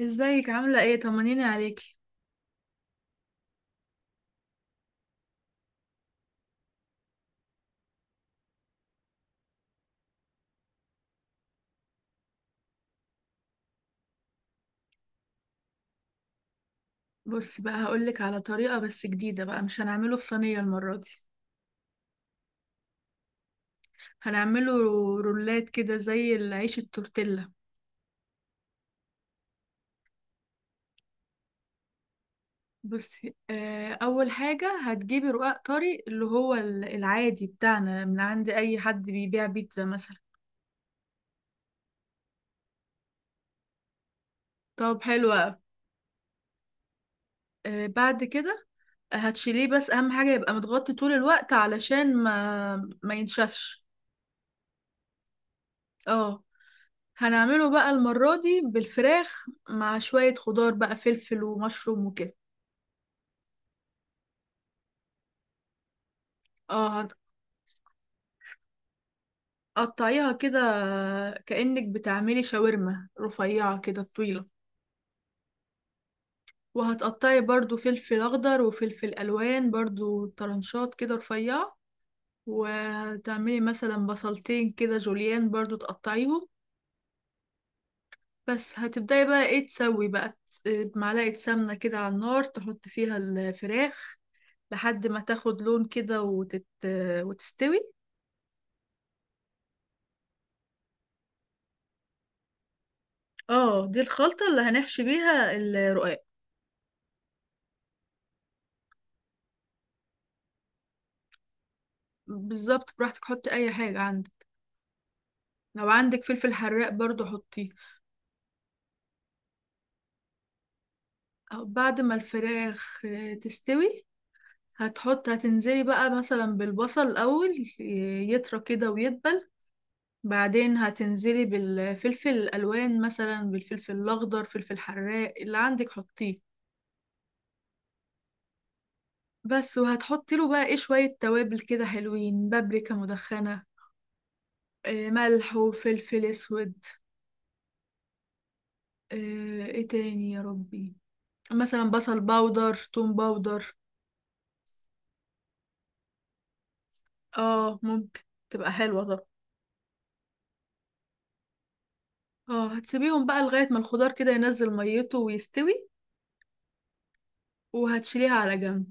ازيك؟ عاملة ايه؟ طمنيني عليكي. بصي بقى، هقولك على طريقة بس جديدة بقى. مش هنعمله في صينية المرة دي. هنعمله رولات كده، زي العيش التورتيلا. بصي، أول حاجة هتجيبي رقاق طري اللي هو العادي بتاعنا، من عند أي حد بيبيع بيتزا مثلا. طب حلو أوي. آه، بعد كده هتشيليه، بس أهم حاجة يبقى متغطي طول الوقت، علشان ما ينشفش. اه، هنعمله بقى المرة دي بالفراخ مع شوية خضار بقى، فلفل ومشروم وكده. اه، هتقطعيها كده كأنك بتعملي شاورما رفيعة كده طويلة. وهتقطعي برضو فلفل أخضر وفلفل ألوان، برضو طرنشات كده رفيعة. وتعملي مثلا بصلتين كده جوليان، برضو تقطعيهم. بس هتبدأي بقى ايه؟ تسوي بقى معلقة سمنة كده على النار، تحط فيها الفراخ لحد ما تاخد لون كده وتستوي. اه، دي الخلطة اللي هنحشي بيها الرقاق. بالظبط، براحتك حطي اي حاجة عندك. لو عندك فلفل حراق برضو حطيه. أو بعد ما الفراخ تستوي، هتنزلي بقى مثلا بالبصل الأول، يطرى كده ويدبل. بعدين هتنزلي بالفلفل الألوان، مثلا بالفلفل الأخضر، فلفل حراق اللي عندك حطيه. بس وهتحطي له بقى ايه؟ شوية توابل كده حلوين، بابريكا مدخنة، ملح وفلفل أسود. ايه تاني يا ربي؟ مثلا بصل باودر، توم باودر. اه ممكن، تبقى حلوة طبعا. اه، هتسيبيهم بقى لغاية ما الخضار كده ينزل ميته ويستوي. وهتشيليها على جنب.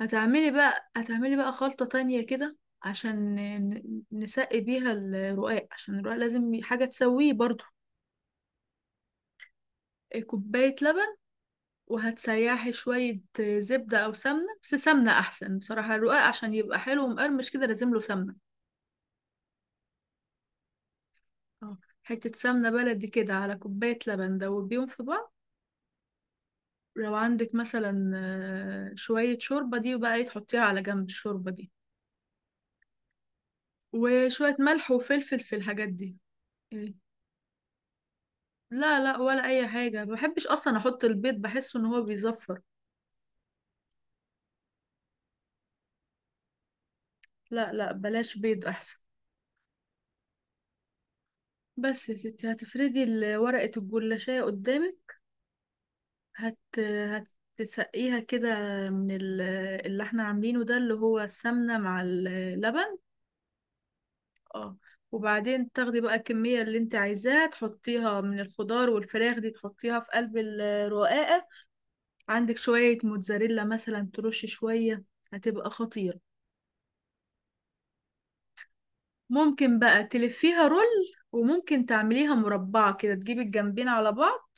هتعملي بقى خلطة تانية كده، عشان نسقي بيها الرقاق، عشان الرقاق لازم حاجة تسويه برضو. كوباية لبن. وهتسيحي شوية زبدة أو سمنة، بس سمنة أحسن بصراحة. الرقاق عشان يبقى حلو ومقرمش كده لازم له سمنة. اه، حتة سمنة بلدي كده على كوباية لبن، دوبيهم في بعض. لو عندك مثلا شوية شوربة، دي بقى ايه، تحطيها على جنب، الشوربة دي وشوية ملح وفلفل في الحاجات دي. إيه؟ لا لا، ولا أي حاجة. ما بحبش أصلا أحط البيض، بحسه إن هو بيزفر. لا لا، بلاش بيض أحسن. بس يا ستي هتفردي ورقة الجلاشية قدامك، هت هتسقيها كده من اللي احنا عاملينه ده، اللي هو السمنة مع اللبن. اه. وبعدين تاخدي بقى الكمية اللي انت عايزاها، تحطيها من الخضار والفراخ دي، تحطيها في قلب الرقاقة. عندك شوية موتزاريلا مثلا ترشي شوية، هتبقى خطيرة. ممكن بقى تلفيها رول، وممكن تعمليها مربعة كده، تجيبي الجنبين على بعض،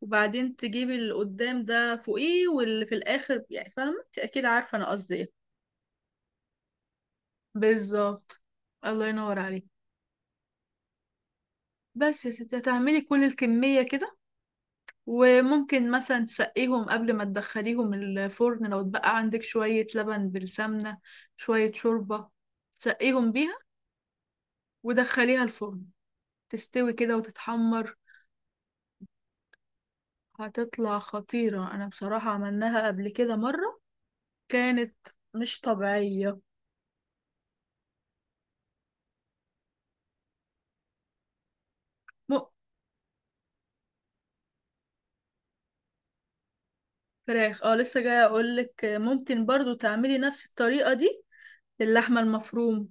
وبعدين تجيبي اللي قدام ده فوقيه، واللي في الآخر، يعني فاهمة انت، أكيد عارفة أنا قصدي ايه. بالظبط، الله ينور عليك. بس يا ستي هتعملي كل الكمية كده. وممكن مثلا تسقيهم قبل ما تدخليهم الفرن، لو اتبقى عندك شوية لبن بالسمنة، شوية شوربة، تسقيهم بيها. ودخليها الفرن، تستوي كده وتتحمر. هتطلع خطيرة، أنا بصراحة عملناها قبل كده مرة، كانت مش طبيعية. م- فراخ، اه لسه جاية أقولك، ممكن برضو تعملي نفس الطريقة دي للحمة المفروم.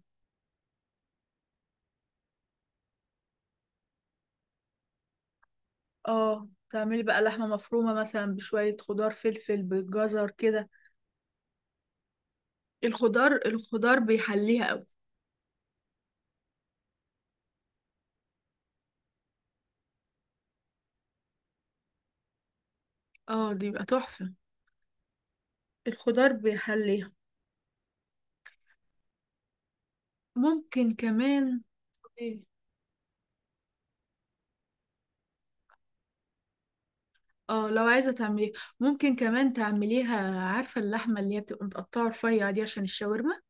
اه، تعملي بقى لحمة مفرومة مثلا بشوية خضار، فلفل بالجزر كده. الخضار بيحليها قوي. اه دي بقى تحفة، الخضار بيحليها. ممكن كمان. إيه؟ اه لو عايزة تعمليها، ممكن كمان تعمليها. عارفة اللحمة اللي هي بتبقى متقطعة رفيع دي عشان الشاورما،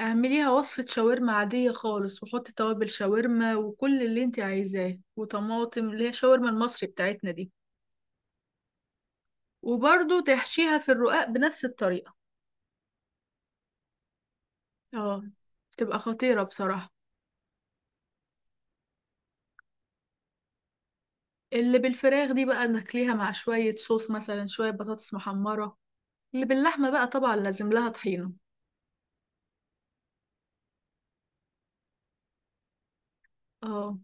اعمليها وصفة شاورما عادية خالص، وحطي توابل شاورما وكل اللي انت عايزاه، وطماطم، اللي هي الشاورما المصري بتاعتنا دي. وبرضو تحشيها في الرقاق بنفس الطريقة. اه، تبقى خطيرة بصراحة. اللي بالفراخ دي بقى ناكليها مع شوية صوص مثلا، شوية بطاطس محمرة. اللي باللحمة بقى طبعا لازم لها طحينة. اه،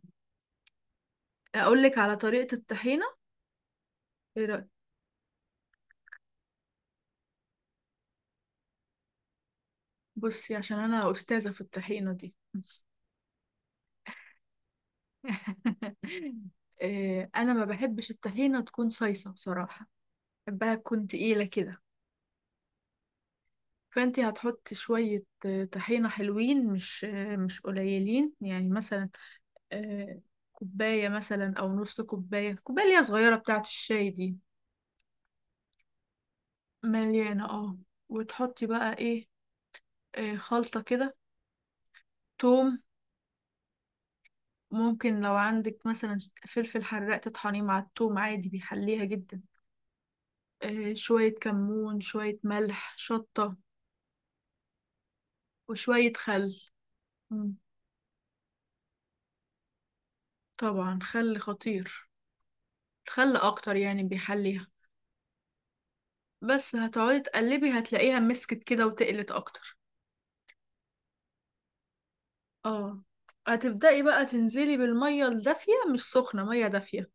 اقول لك على طريقة الطحينة. ايه رأيك؟ بصي عشان انا استاذة في الطحينة دي. انا ما بحبش الطحينة تكون صيصة بصراحة، بحبها تكون تقيلة كده. فانتي هتحطي شوية طحينة، حلوين مش مش قليلين، يعني مثلا آه، كوباية مثلا او نص كوباية، كوباية اللي هي صغيرة بتاعة الشاي دي، مليانة. اه. وتحطي بقى ايه؟ خلطة كده، توم. ممكن لو عندك مثلا فلفل حراق تطحنيه مع التوم، عادي بيحليها جدا. شوية كمون، شوية ملح، شطة، وشوية خل. مم، طبعا خل خطير، الخل أكتر يعني بيحليها. بس هتقعدي تقلبي، هتلاقيها مسكت كده وتقلت أكتر. اه، هتبدأي بقى تنزلي بالمية الدافية، مش سخنة، مية دافية،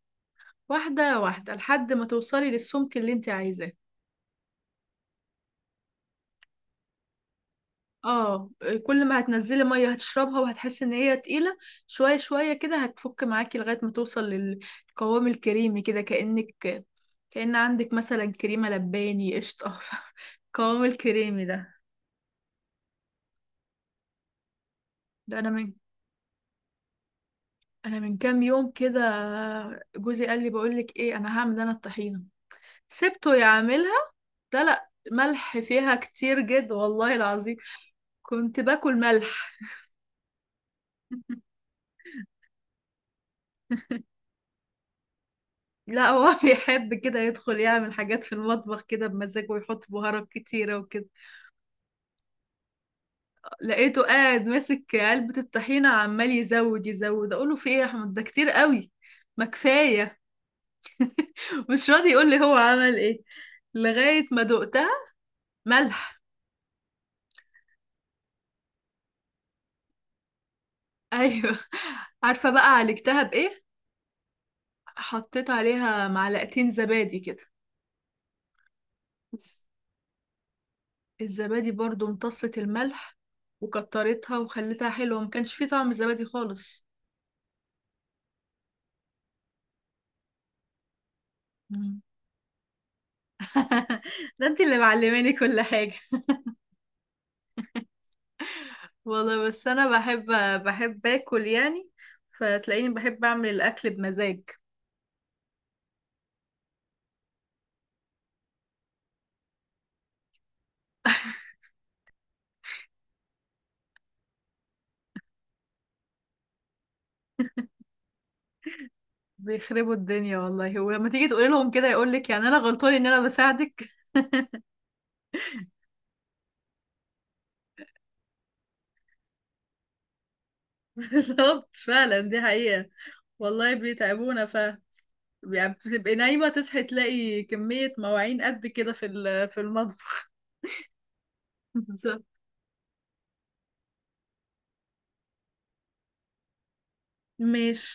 واحدة واحدة، لحد ما توصلي للسمك اللي انت عايزاه. اه، كل ما هتنزلي ميه هتشربها، وهتحسي ان هي تقيله. شويه شويه كده هتفك معاكي، لغايه ما توصل للقوام الكريمي كده، كأنك كأن عندك مثلا كريمه لباني، قشطه. القوام الكريمي ده. ده انا من انا من كام يوم كده، جوزي قال لي بقول لك ايه، انا الطحينه، سبته يعملها. لا لا، ملح فيها كتير جد والله العظيم، كنت باكل ملح. لا، هو بيحب كده يدخل يعمل حاجات في المطبخ كده بمزاجه، ويحط بهارات كتيرة وكده. لقيته قاعد ماسك علبة الطحينة عمال يزود يزود، أقوله في إيه يا أحمد، ده كتير قوي، ما كفاية. مش راضي يقول لي هو عمل إيه، لغاية ما دقتها، ملح. أيوه. عارفة بقى عالجتها بإيه؟ حطيت عليها معلقتين زبادي كده. بس الزبادي برضو امتصت الملح وكترتها وخلتها حلوة، ما كانش فيه طعم الزبادي خالص. ده انت اللي معلماني كل حاجة. والله بس انا بحب اكل يعني، فتلاقيني بحب اعمل الاكل بمزاج. بيخربوا الدنيا والله، ولما تيجي تقولي لهم كده يقول لك يعني انا غلطان ان انا بساعدك. بالظبط فعلا، دي حقيقة. والله بيتعبونا، يعني بتبقي نايمة تصحي تلاقي كمية مواعين قد كده في في المطبخ. بالظبط. ماشي.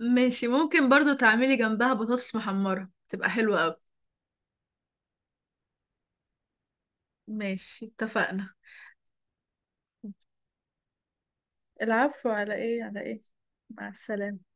ماشي، ممكن برضو تعملي جنبها بطاطس محمرة، تبقى حلوة أوي. ماشي، اتفقنا. العفو، على ايه على ايه. مع السلامة.